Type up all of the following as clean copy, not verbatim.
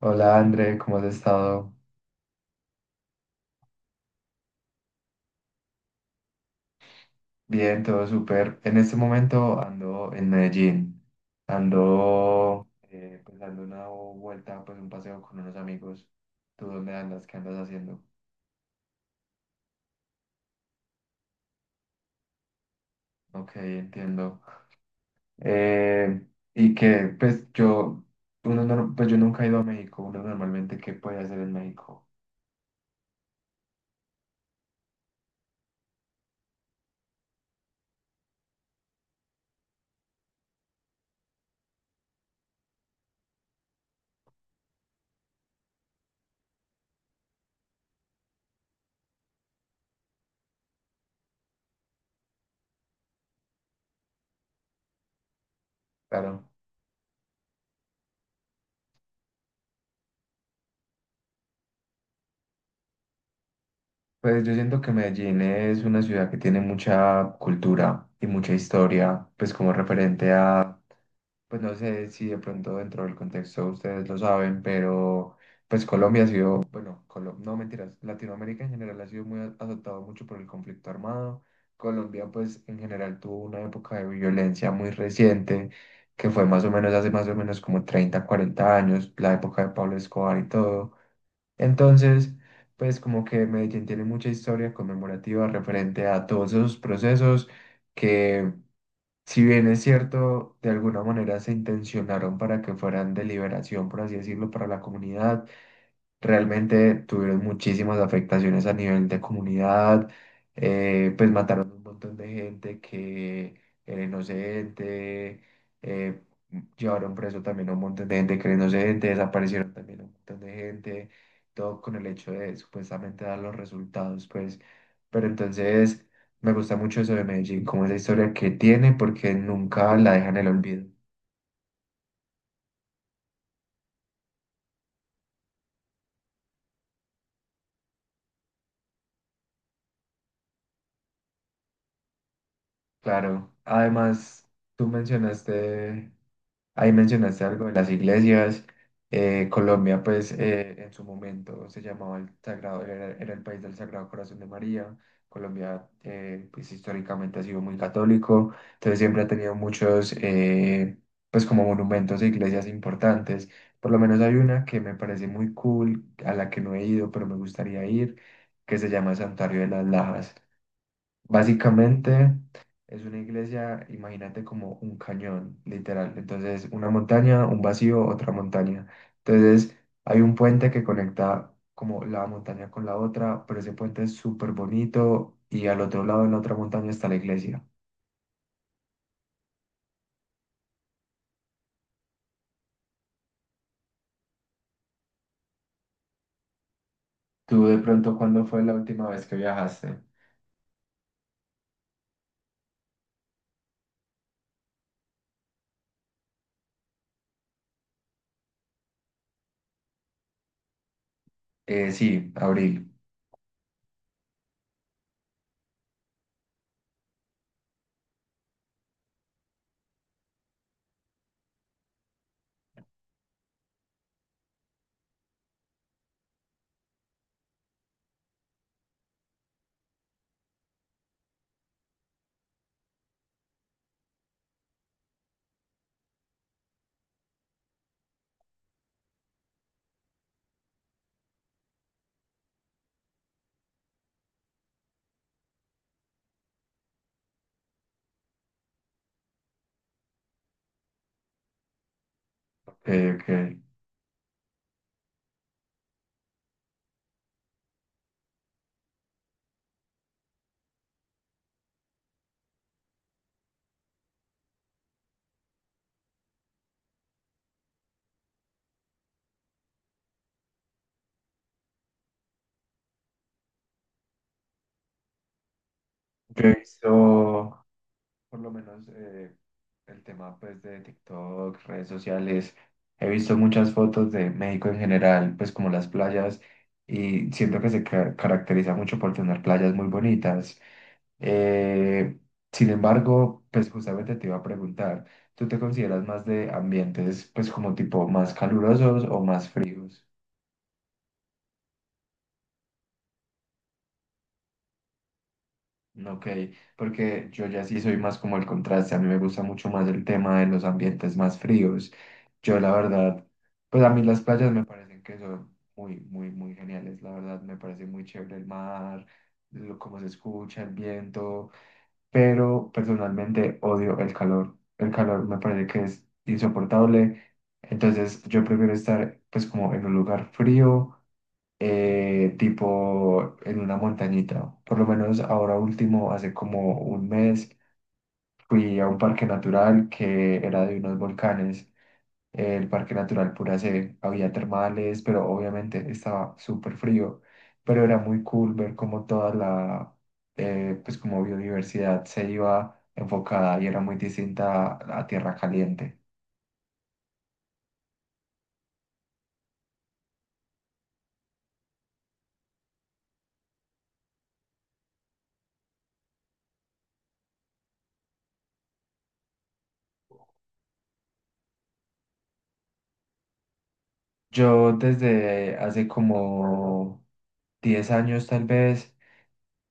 Hola André, ¿cómo has estado? Bien, todo súper. En este momento ando en Medellín. Ando pues dando una vuelta, pues un paseo con unos amigos. ¿Tú dónde andas? ¿Qué andas haciendo? Ok, entiendo. Eh, y que pues yo, uno no- pues yo nunca he ido a México. Uno normalmente, ¿qué puede hacer en México? Claro. Pues yo siento que Medellín es una ciudad que tiene mucha cultura y mucha historia, pues como referente a. Pues no sé si de pronto dentro del contexto ustedes lo saben, pero pues Colombia ha sido, bueno, no mentiras, Latinoamérica en general ha sido muy azotado mucho por el conflicto armado. Colombia pues en general tuvo una época de violencia muy reciente, que fue más o menos hace más o menos como 30 40 años, la época de Pablo Escobar y todo. Entonces, pues como que Medellín tiene mucha historia conmemorativa referente a todos esos procesos. Si bien es cierto, de alguna manera se intencionaron para que fueran de liberación, por así decirlo, para la comunidad, realmente tuvieron muchísimas afectaciones a nivel de comunidad. Pues mataron un montón de gente que era inocente. eh, Llevaron preso también a un montón de gente que era inocente, desaparecieron también a un montón de gente, todo con el hecho de supuestamente dar los resultados, pues, pero entonces me gusta mucho eso de Medellín, como esa historia que tiene, porque nunca la dejan en el olvido. Claro, además, tú mencionaste ahí mencionaste algo de las iglesias. Colombia, pues, en su momento se llamaba el Sagrado, era el país del Sagrado Corazón de María. Colombia, pues, históricamente ha sido muy católico, entonces siempre ha tenido muchos, pues, como monumentos e iglesias importantes. Por lo menos hay una que me parece muy cool, a la que no he ido, pero me gustaría ir, que se llama Santuario de las Lajas. Básicamente es una iglesia, imagínate como un cañón, literal. Entonces, una montaña, un vacío, otra montaña. Entonces, hay un puente que conecta como la montaña con la otra, pero ese puente es súper bonito y al otro lado, en la otra montaña, está la iglesia. ¿Tú de pronto cuándo fue la última vez que viajaste? Sí, abril. Ok, ok. Yo he visto por lo menos el tema pues de TikTok, redes sociales, he visto muchas fotos de México en general, pues como las playas, y siento que se caracteriza mucho por tener playas muy bonitas. Eh, sin embargo, pues justamente te iba a preguntar, ¿tú te consideras más de ambientes pues como tipo más calurosos o más fríos? Ok, porque yo ya sí soy más como el contraste, a mí me gusta mucho más el tema de los ambientes más fríos. Yo la verdad, pues a mí las playas me parecen que son muy, muy, muy geniales, la verdad me parece muy chévere el mar, lo, cómo se escucha, el viento, pero personalmente odio el calor me parece que es insoportable, entonces yo prefiero estar pues como en un lugar frío, tipo en una montañita. Por lo menos ahora último, hace como un mes, fui a un parque natural que era de unos volcanes, el Parque Natural Puracé. Había termales, pero obviamente estaba súper frío, pero era muy cool ver cómo toda la, pues como biodiversidad se iba enfocada y era muy distinta a Tierra Caliente. Yo desde hace como 10 años tal vez,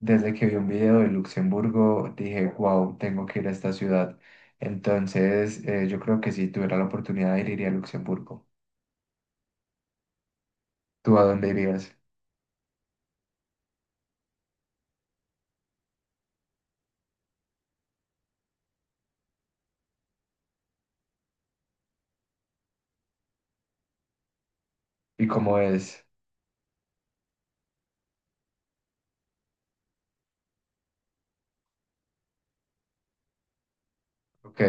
desde que vi un video de Luxemburgo, dije, wow, tengo que ir a esta ciudad. Entonces, yo creo que si tuviera la oportunidad de ir, iría a Luxemburgo. ¿Tú a dónde irías? ¿Y cómo es? Ok,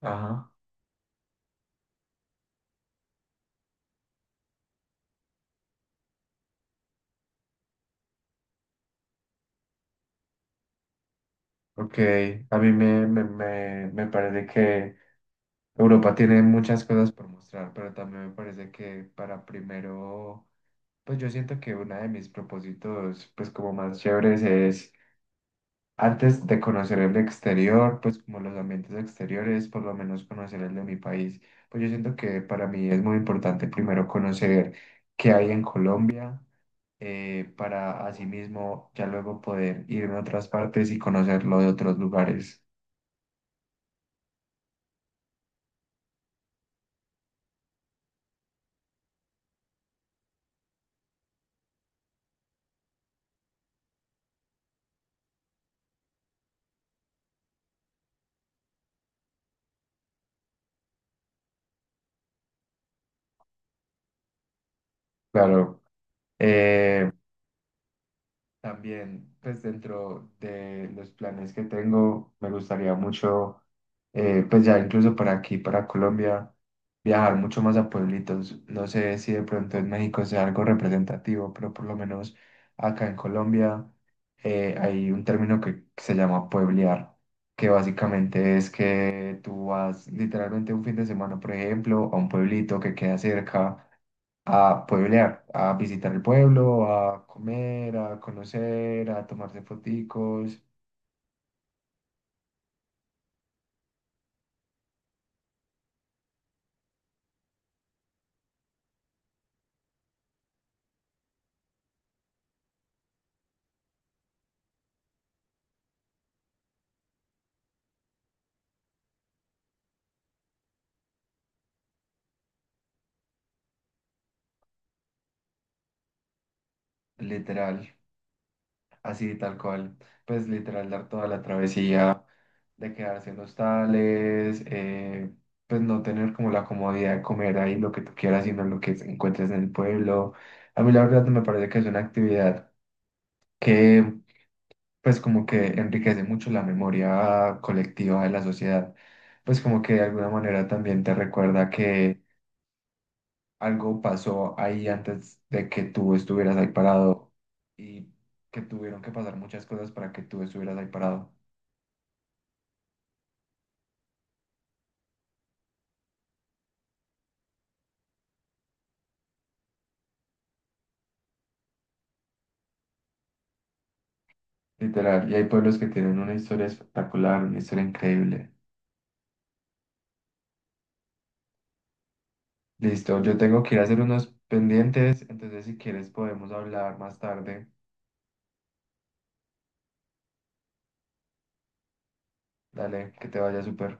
ajá, ok. A mí me parece que Europa tiene muchas cosas por mostrar, pero también me parece que para primero, pues yo siento que uno de mis propósitos, pues como más chéveres es antes de conocer el exterior, pues como los ambientes exteriores, por lo menos conocer el de mi país, pues yo siento que para mí es muy importante primero conocer qué hay en Colombia, para asimismo ya luego poder ir a otras partes y conocer lo de otros lugares. Claro. Eh, también, pues dentro de los planes que tengo, me gustaría mucho, pues ya incluso para aquí, para Colombia, viajar mucho más a pueblitos. No sé si de pronto en México sea algo representativo, pero por lo menos acá en Colombia hay un término que se llama pueblear, que básicamente es que tú vas literalmente un fin de semana, por ejemplo, a un pueblito que queda cerca a pueblear, a visitar el pueblo, a comer, a conocer, a tomarse foticos, literal, así tal cual, pues literal dar toda la travesía de quedarse en hostales, pues no tener como la comodidad de comer ahí lo que tú quieras, sino lo que encuentres en el pueblo. A mí la verdad me parece que es una actividad que pues como que enriquece mucho la memoria colectiva de la sociedad, pues como que de alguna manera también te recuerda que algo pasó ahí antes de que tú estuvieras ahí parado y que tuvieron que pasar muchas cosas para que tú estuvieras ahí parado. Literal, y hay pueblos que tienen una historia espectacular, una historia increíble. Listo, yo tengo que ir a hacer unos pendientes, entonces si quieres podemos hablar más tarde. Dale, que te vaya súper.